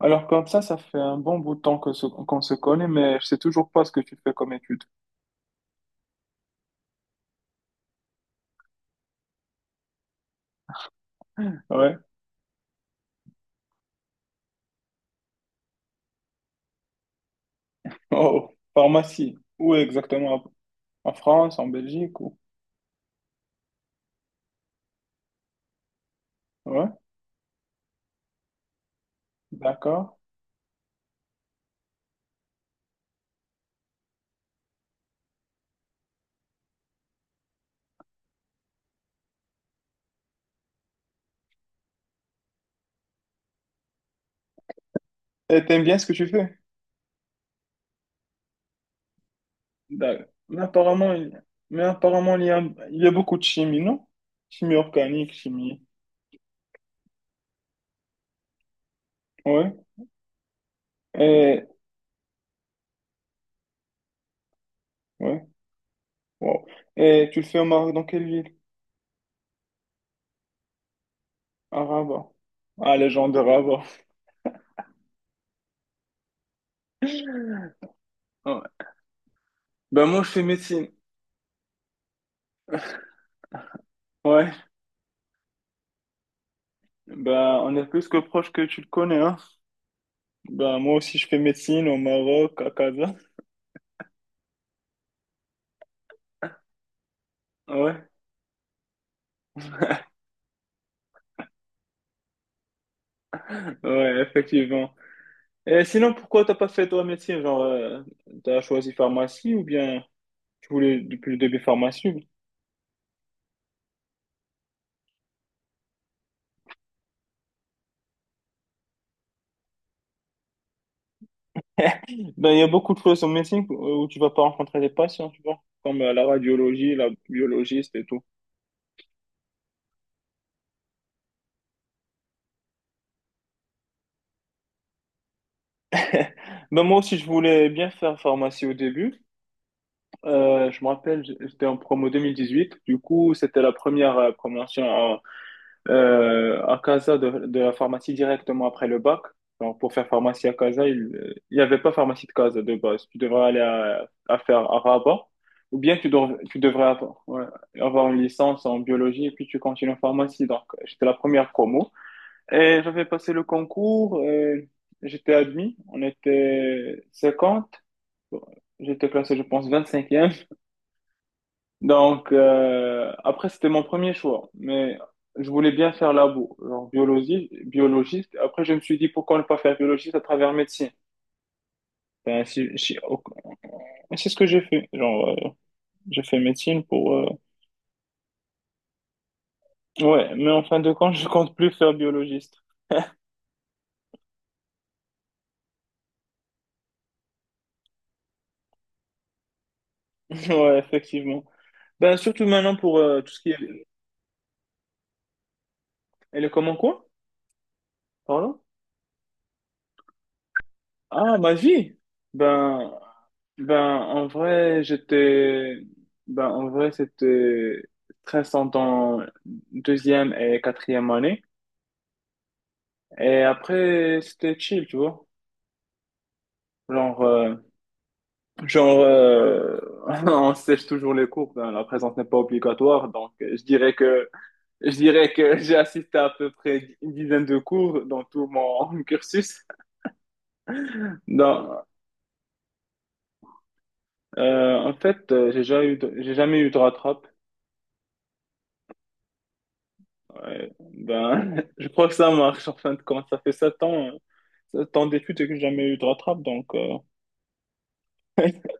Alors comme ça fait un bon bout de temps que qu'on se connaît, mais je sais toujours pas ce que tu fais comme étude. Ouais. Oh, pharmacie. Où exactement? En France, en Belgique ou... Ouais, d'accord. Et t'aimes bien ce que tu fais? D'accord. Mais apparemment, il y a beaucoup de chimie, non? Chimie organique, chimie. Ouais. Et... Ouais. Wow. Et tu le fais au Maroc dans quelle ville? À Rabat. Ah, les gens de Rabat. Ouais. Ben moi, je fais médecine. Ouais. Ben, on est plus que proche que tu le connais, hein. Ben, moi aussi, je fais médecine au Maroc, à Casa. Ouais, ouais, effectivement. Et sinon, pourquoi t'as pas fait toi médecine? Genre, t'as choisi pharmacie ou bien tu voulais depuis le début pharmacie? Ben, il y a beaucoup de choses en médecine où tu vas pas rencontrer des patients, tu vois, comme la radiologie, la biologiste et tout. Ben, moi aussi, je voulais bien faire pharmacie au début. Je me rappelle, j'étais en promo 2018. Du coup, c'était la première promotion à Casa de la pharmacie directement après le bac. Donc, pour faire pharmacie à Casa, il n'y avait pas pharmacie de Casa de base. Tu devrais aller à faire à Rabat ou bien tu devrais avoir, ouais, avoir une licence en biologie et puis tu continues en pharmacie. Donc, j'étais la première promo et j'avais passé le concours. J'étais admis. On était 50. J'étais classé, je pense, 25e. Donc, après, c'était mon premier choix, mais je voulais bien faire labo, genre biologie, biologiste. Après, je me suis dit, pourquoi ne pas faire biologiste à travers médecine? Ben, c'est ce que j'ai fait. Genre, j'ai fait médecine pour... Ouais, mais en fin de compte, je compte plus faire biologiste. Ouais, effectivement. Ben, surtout maintenant pour tout ce qui est... Elle est comment quoi? Pardon? Ah, ma vie! Ben, Ben, en vrai, j'étais, ben, en vrai, c'était très centre en deuxième et quatrième année. Et après, c'était chill, tu vois. Genre, euh, genre, on sèche toujours les cours, ben, la présence n'est pas obligatoire. Donc, je dirais que j'ai assisté à peu près une dizaine de cours dans tout mon cursus. Donc, en fait, j'ai jamais eu de rattrape. Ouais, ben, je crois que ça marche en fin de compte. Ça fait 7 ans, 7 ans d'études et que j'ai jamais eu de rattrape, donc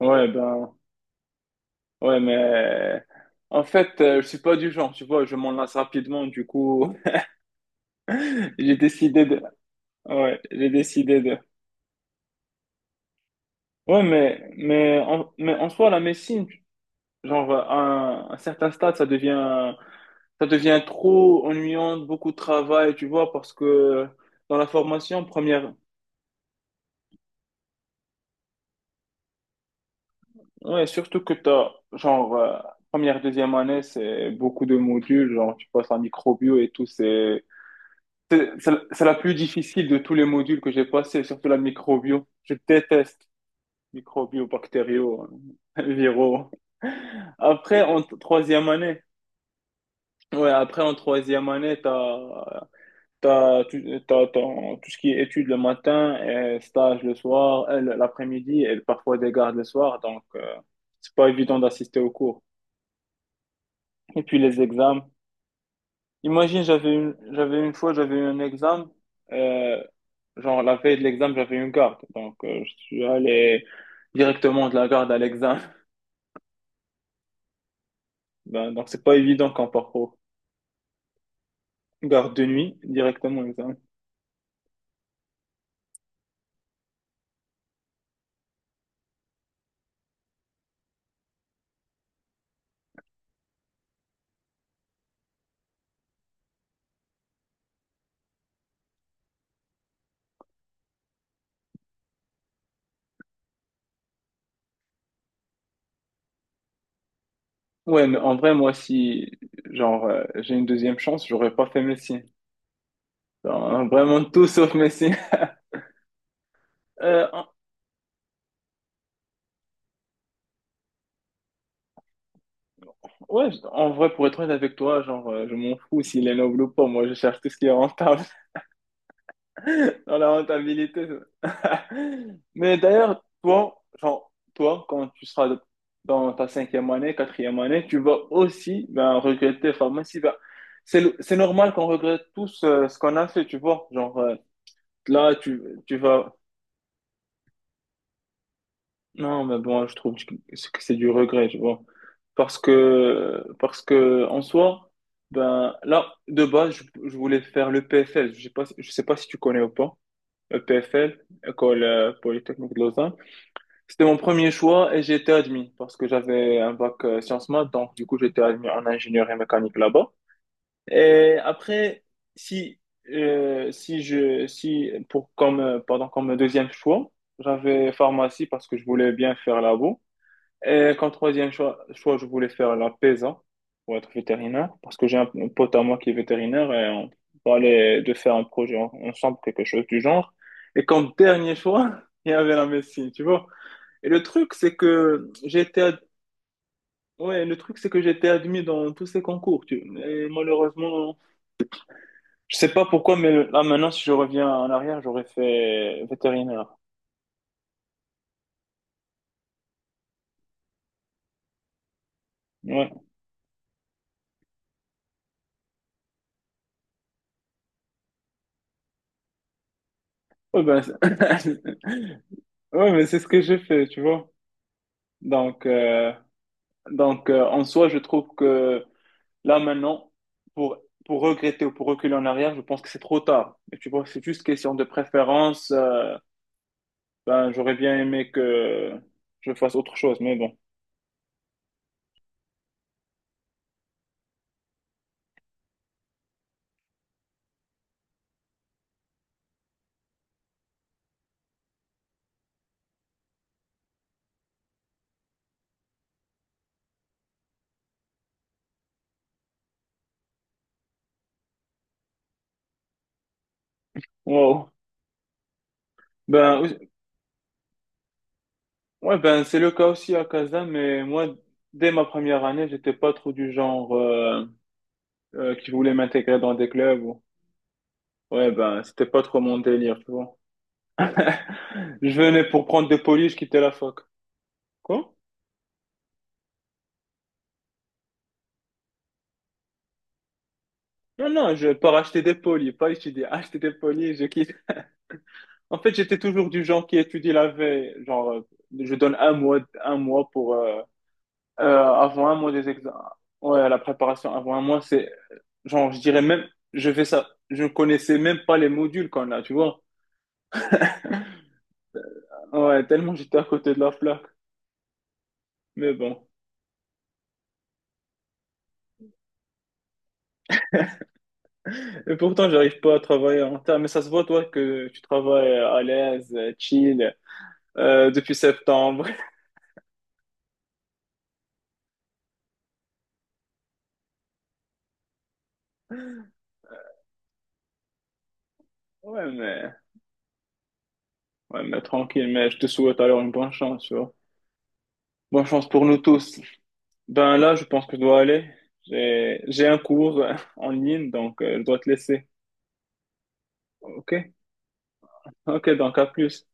Ouais, ben, ouais, mais en fait, je suis pas du genre, tu vois, je m'en lasse rapidement, du coup, j'ai décidé de, ouais, j'ai décidé de, ouais, mais, mais en soi, la médecine, genre, à un certain stade, ça devient trop ennuyant, beaucoup de travail, tu vois, parce que dans la formation, première. Ouais, surtout que t'as, genre, première, deuxième année, c'est beaucoup de modules, genre, tu passes en microbio et tout, c'est la plus difficile de tous les modules que j'ai passé, surtout la microbio. Je déteste microbio, bactériaux, viraux. Après, en troisième année, ouais, après, en troisième année, t'as, t'as, tu- t'as, ton- tout ce qui est études le matin, et stage le soir, et l'après-midi, et parfois des gardes le soir, donc, c'est pas évident d'assister aux cours. Et puis les examens. Imagine, j'avais une fois, j'avais eu un examen, euh, genre la veille de l'examen, j'avais une garde. Donc, je suis allé directement de la garde à l'examen. Ben, donc, c'est pas évident quand parcours garde de nuit, directement à l'examen. Ouais, mais en vrai, moi, si, genre, j'ai une deuxième chance, j'aurais pas fait Messi. Genre, vraiment tout sauf Messi. Euh, en- ouais, en vrai, pour être honnête avec toi, genre, je m'en fous s'il est noble ou pas. Moi, je cherche tout ce qui est rentable, dans la rentabilité. Mais d'ailleurs, toi, genre, toi, quand tu seras dans ta cinquième année, quatrième année, tu vas aussi, ben, regretter. Enfin, moi, si. Ben, c'est, c'est normal qu'on regrette tous ce qu'on a fait, tu vois. Genre, là, tu vas... Non, mais bon, je trouve que c'est du regret, tu vois. Parce que en soi, ben, là, de base, je voulais faire le PFL. Je sais pas si tu connais ou pas. Le PFL, École Polytechnique de Lausanne. C'était mon premier choix et j'ai été admis parce que j'avais un bac sciences maths, donc du coup j'étais admis en ingénierie mécanique là-bas. Et après, si, si je, si pour comme, pardon, comme deuxième choix, j'avais pharmacie parce que je voulais bien faire labo. Et comme troisième choix, je voulais faire la PESA pour être vétérinaire parce que j'ai un pote à moi qui est vétérinaire et on parlait de faire un projet ensemble, quelque chose du genre. Et comme dernier choix, il y avait la médecine, tu vois. Et le truc, c'est que j'étais, ouais, le truc, c'est que j'étais admis dans tous ces concours. Tu... Et malheureusement, je sais pas pourquoi, mais là maintenant, si je reviens en arrière, j'aurais fait vétérinaire. Ouais. Ouais, ben, ouais, mais c'est ce que j'ai fait, tu vois. Donc, en soi, je trouve que là maintenant, pour pour regretter ou pour reculer en arrière, je pense que c'est trop tard. Et tu vois, c'est juste question de préférence. Ben, j'aurais bien aimé que je fasse autre chose, mais bon. Wow. Ben, oui. Ouais, ben, c'est le cas aussi à Kazan, mais moi, dès ma première année, j'étais pas trop du genre qui voulait m'intégrer dans des clubs. Ouais, ben, c'était pas trop mon délire, tu vois. Je venais pour prendre des polis, je quittais la fac. Quoi? Non, non, je pars acheter des polis, pas étudier. Acheter des polis, je quitte. En fait, j'étais toujours du genre qui étudie la veille. Genre, je donne un mois pour, avant un mois des examens. Ouais, la préparation avant un mois, c'est... Genre, je dirais même, je fais ça, je ne connaissais même pas les modules qu'on a, tu vois. Ouais, tellement j'étais à côté de la plaque. Mais bon. Et pourtant, j'arrive pas à travailler en terre. Mais ça se voit, toi, que tu travailles à l'aise, chill, depuis septembre. Ouais, mais, ouais, mais tranquille. Mais je te souhaite alors une bonne chance, tu vois. Bonne chance pour nous tous. Ben là, je pense que je dois aller. J'ai un cours en ligne, donc je dois te laisser. Ok? Ok, donc à plus.